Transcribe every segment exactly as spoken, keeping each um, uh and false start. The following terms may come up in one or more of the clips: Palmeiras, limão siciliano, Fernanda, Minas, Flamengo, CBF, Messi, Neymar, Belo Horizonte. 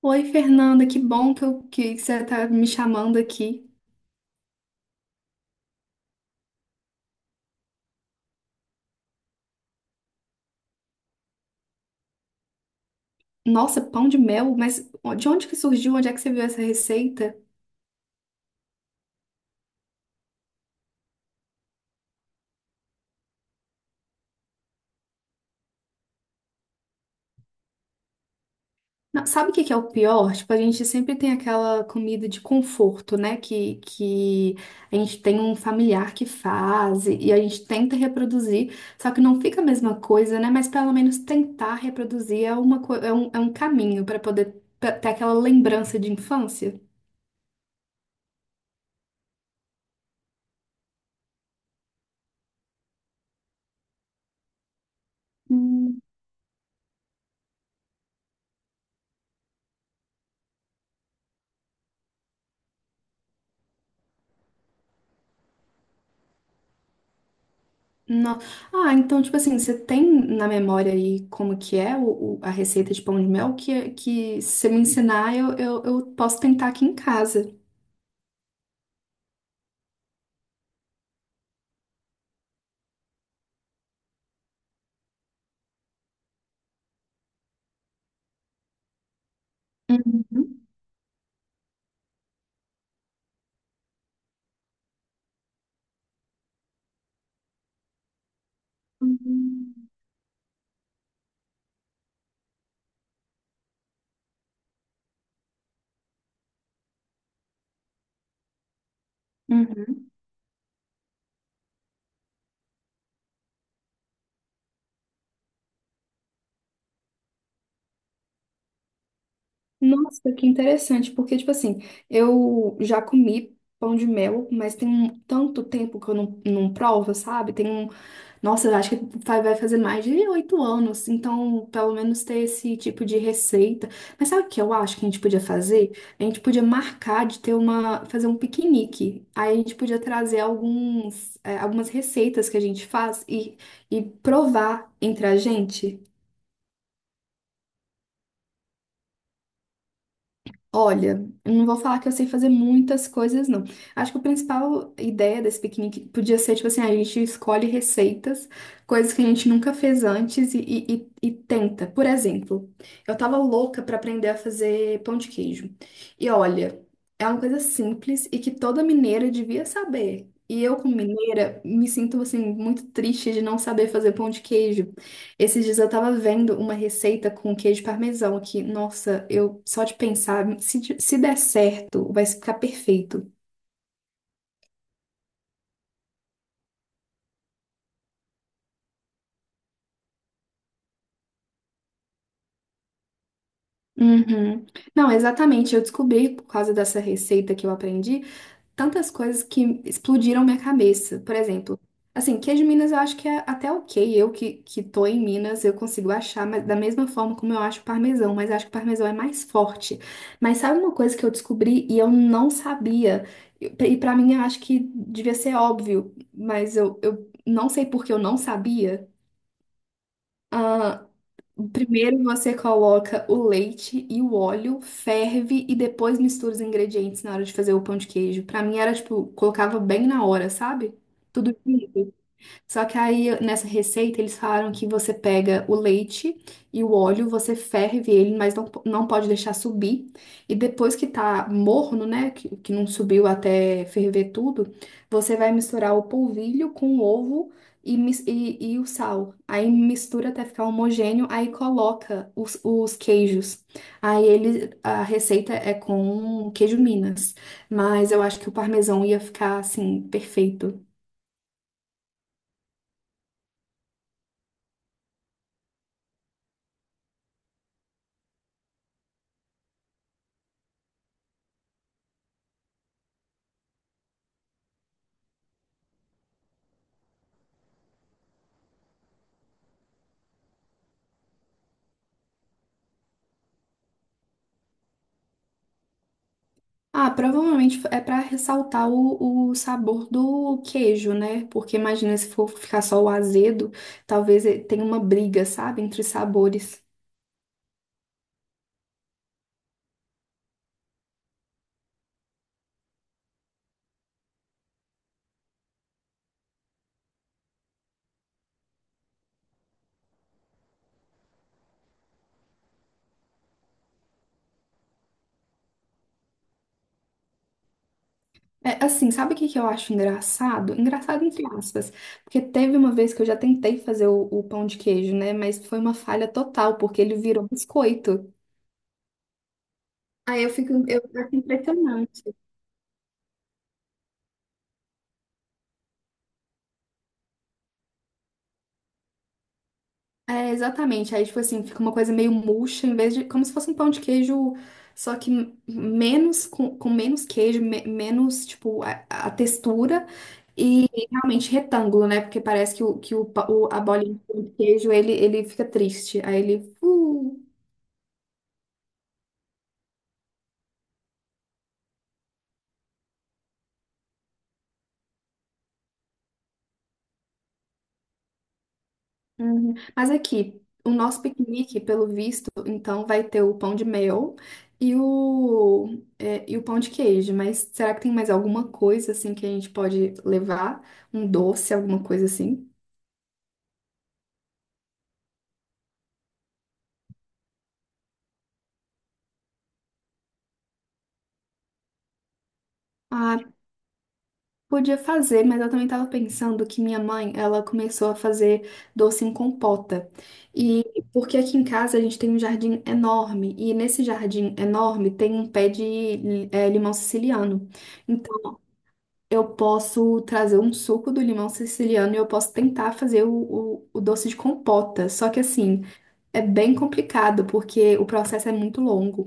Oi, Fernanda, que bom que, eu- que você tá me chamando aqui. Nossa, pão de mel, mas de onde que surgiu? Onde é que você viu essa receita? Não, sabe o que que é o pior? Tipo, a gente sempre tem aquela comida de conforto, né? Que, que a gente tem um familiar que faz e e a gente tenta reproduzir, só que não fica a mesma coisa, né? Mas pelo menos tentar reproduzir é uma, co- é um, é um caminho para poder pra ter aquela lembrança de infância. Não. Ah, então, tipo assim, você tem na memória aí como que é o, o- a receita de pão de mel que, que se você me ensinar, eu, eu, eu posso tentar aqui em casa. Uhum. Hum. Uhum. Nossa, que interessante, porque, tipo assim, eu já comi pão de mel, mas tem um tanto tempo que eu não, não provo, sabe? Tem um Nossa, eu acho que fa- vai fazer mais de oito anos, então pelo menos ter esse tipo de receita. Mas sabe o que eu acho que a gente podia fazer? A gente podia marcar de ter uma, fazer um piquenique. Aí a gente podia trazer alguns, eh, algumas receitas que a gente faz e, e provar entre a gente. Olha, eu não vou falar que eu sei fazer muitas coisas, não. Acho que a principal ideia desse piquenique podia ser, tipo assim, a gente escolhe receitas, coisas que a gente nunca fez antes e, e- e- e tenta. Por exemplo, eu tava louca pra aprender a fazer pão de queijo. E olha, é uma coisa simples e que toda mineira devia saber. E eu, como mineira, me sinto, assim, muito triste de não saber fazer pão de queijo. Esses dias eu tava vendo uma receita com queijo parmesão aqui. Nossa, eu só de pensar, se, de- se der certo, vai ficar perfeito. Uhum. Não, exatamente. Eu descobri por causa dessa receita que eu aprendi tantas coisas que explodiram minha cabeça. Por exemplo, assim, queijo Minas eu acho que é até ok. Eu que, que tô em Minas, eu consigo achar, mas da mesma forma como eu acho parmesão, mas acho que parmesão é mais forte. Mas sabe uma coisa que eu descobri e eu não sabia? E pra mim eu acho que devia ser óbvio, mas eu, eu não sei porque eu não sabia. Ah, primeiro você coloca o leite e o óleo, ferve e depois mistura os ingredientes na hora de fazer o pão de queijo. Pra mim era tipo, colocava bem na hora, sabe? Tudo junto. Só que aí nessa receita eles falaram que você pega o leite e o óleo, você ferve ele, mas não, po- não pode deixar subir. E depois que tá morno, né, que, que não subiu até ferver tudo, você vai misturar o polvilho com o ovo e, mis- e, e o sal. Aí mistura até ficar homogêneo, aí coloca os, os queijos. Aí ele, a receita é com queijo Minas, mas eu acho que o parmesão ia ficar assim, perfeito. Ah, provavelmente é para ressaltar o, o sabor do queijo, né? Porque imagina se for ficar só o azedo, talvez eh, tenha uma briga, sabe, entre os sabores. É assim, sabe o que que eu acho engraçado? Engraçado entre aspas, porque teve uma vez que eu já tentei fazer o, o pão de queijo, né? Mas foi uma falha total, porque ele virou biscoito. Aí eu fico, eu acho impressionante. É, exatamente. Aí, tipo assim, fica uma coisa meio murcha, em vez de. Como se fosse um pão de queijo, só que m- menos, com, com menos queijo, me- menos, tipo, a, a textura e realmente retângulo, né? Porque parece que, o, que o, pa- o- a bolinha de pão de queijo, ele, ele fica triste. Aí ele. uh, Uhum. Mas aqui, o nosso piquenique, pelo visto, então vai ter o pão de mel e o, é, e o pão de queijo. Mas será que tem mais alguma coisa assim que a gente pode levar? Um doce, alguma coisa assim? Ah, podia fazer, mas eu também estava pensando que minha mãe, ela começou a fazer doce em compota. E porque aqui em casa a gente tem um jardim enorme, e nesse jardim enorme tem um pé de, eh, limão siciliano. Eu posso trazer um suco do limão siciliano e eu posso tentar fazer o, o o doce de compota. Só que assim, é bem complicado porque o processo é muito longo.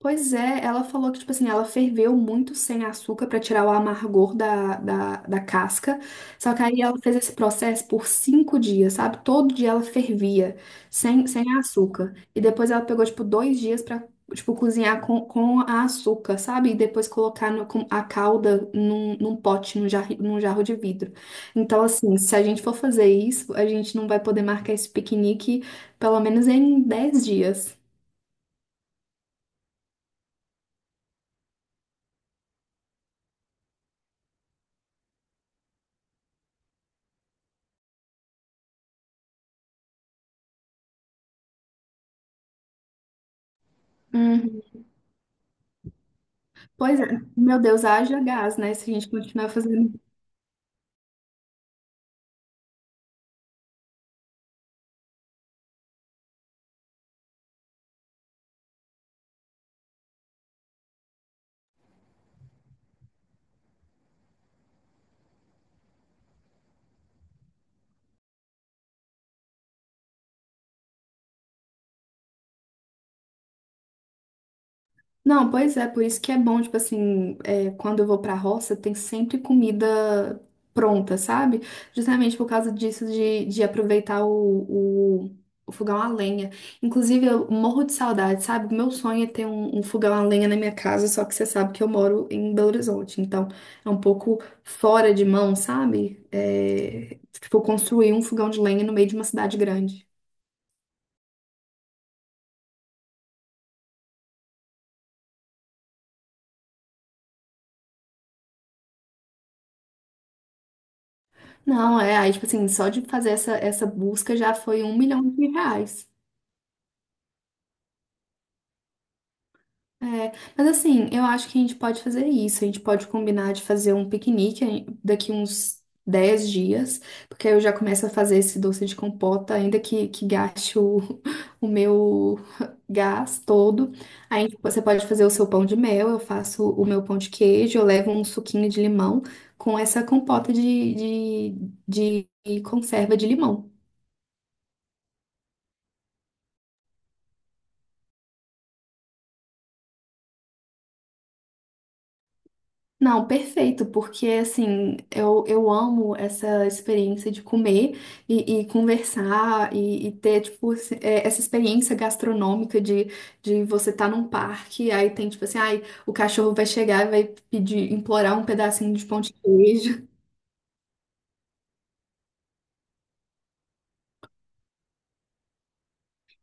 Pois é, ela falou que, tipo assim, ela ferveu muito sem açúcar pra tirar o amargor da, da, da casca. Só que aí ela fez esse processo por cinco dias, sabe? Todo dia ela fervia sem, sem açúcar. E depois ela pegou, tipo, dois dias pra, tipo, cozinhar com, com a açúcar, sabe? E depois colocar no- com a calda num, num pote, num, jarri- num jarro de vidro. Então, assim, se a gente for fazer isso, a gente não vai poder marcar esse piquenique pelo menos em dez dias. Pois é, meu Deus, haja gás, né? Se a gente continuar fazendo. Não, pois é, por isso que é bom, tipo assim, é, quando eu vou pra roça, tem sempre comida pronta, sabe? Justamente por causa disso de, de aproveitar o, o, o fogão a lenha. Inclusive, eu morro de saudade, sabe? Meu sonho é ter um, um fogão a lenha na minha casa, só que você sabe que eu moro em Belo Horizonte, então é um pouco fora de mão, sabe? É, tipo, construir um fogão de lenha no meio de uma cidade grande. Não, é, aí, tipo assim, só de fazer essa, essa busca já foi um milhão de reais. É, mas assim, eu acho que a gente pode fazer isso. A gente pode combinar de fazer um piquenique aí daqui uns dez dias, porque aí eu já começo a fazer esse doce de compota, ainda que, que gaste o, o meu gás todo. Aí tipo, você pode fazer o seu pão de mel, eu faço o meu pão de queijo, eu levo um suquinho de limão com essa compota de, de de conserva de limão. Não, perfeito, porque assim, eu, eu amo essa experiência de comer e, e conversar e, e ter, tipo, esse- é, essa experiência gastronômica de, de você estar num parque, aí tem, tipo assim, ai, o cachorro vai chegar e vai pedir, implorar um pedacinho de pão de queijo.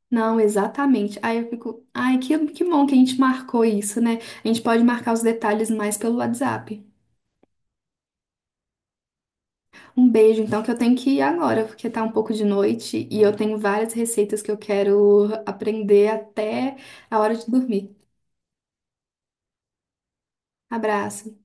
Não, exatamente. Aí eu fico, ai, que, que bom que a gente marcou isso, né? A gente pode marcar os detalhes mais pelo WhatsApp. Um beijo, então, que eu tenho que ir agora, porque tá um pouco de noite e eu tenho várias receitas que eu quero aprender até a hora de dormir. Abraço.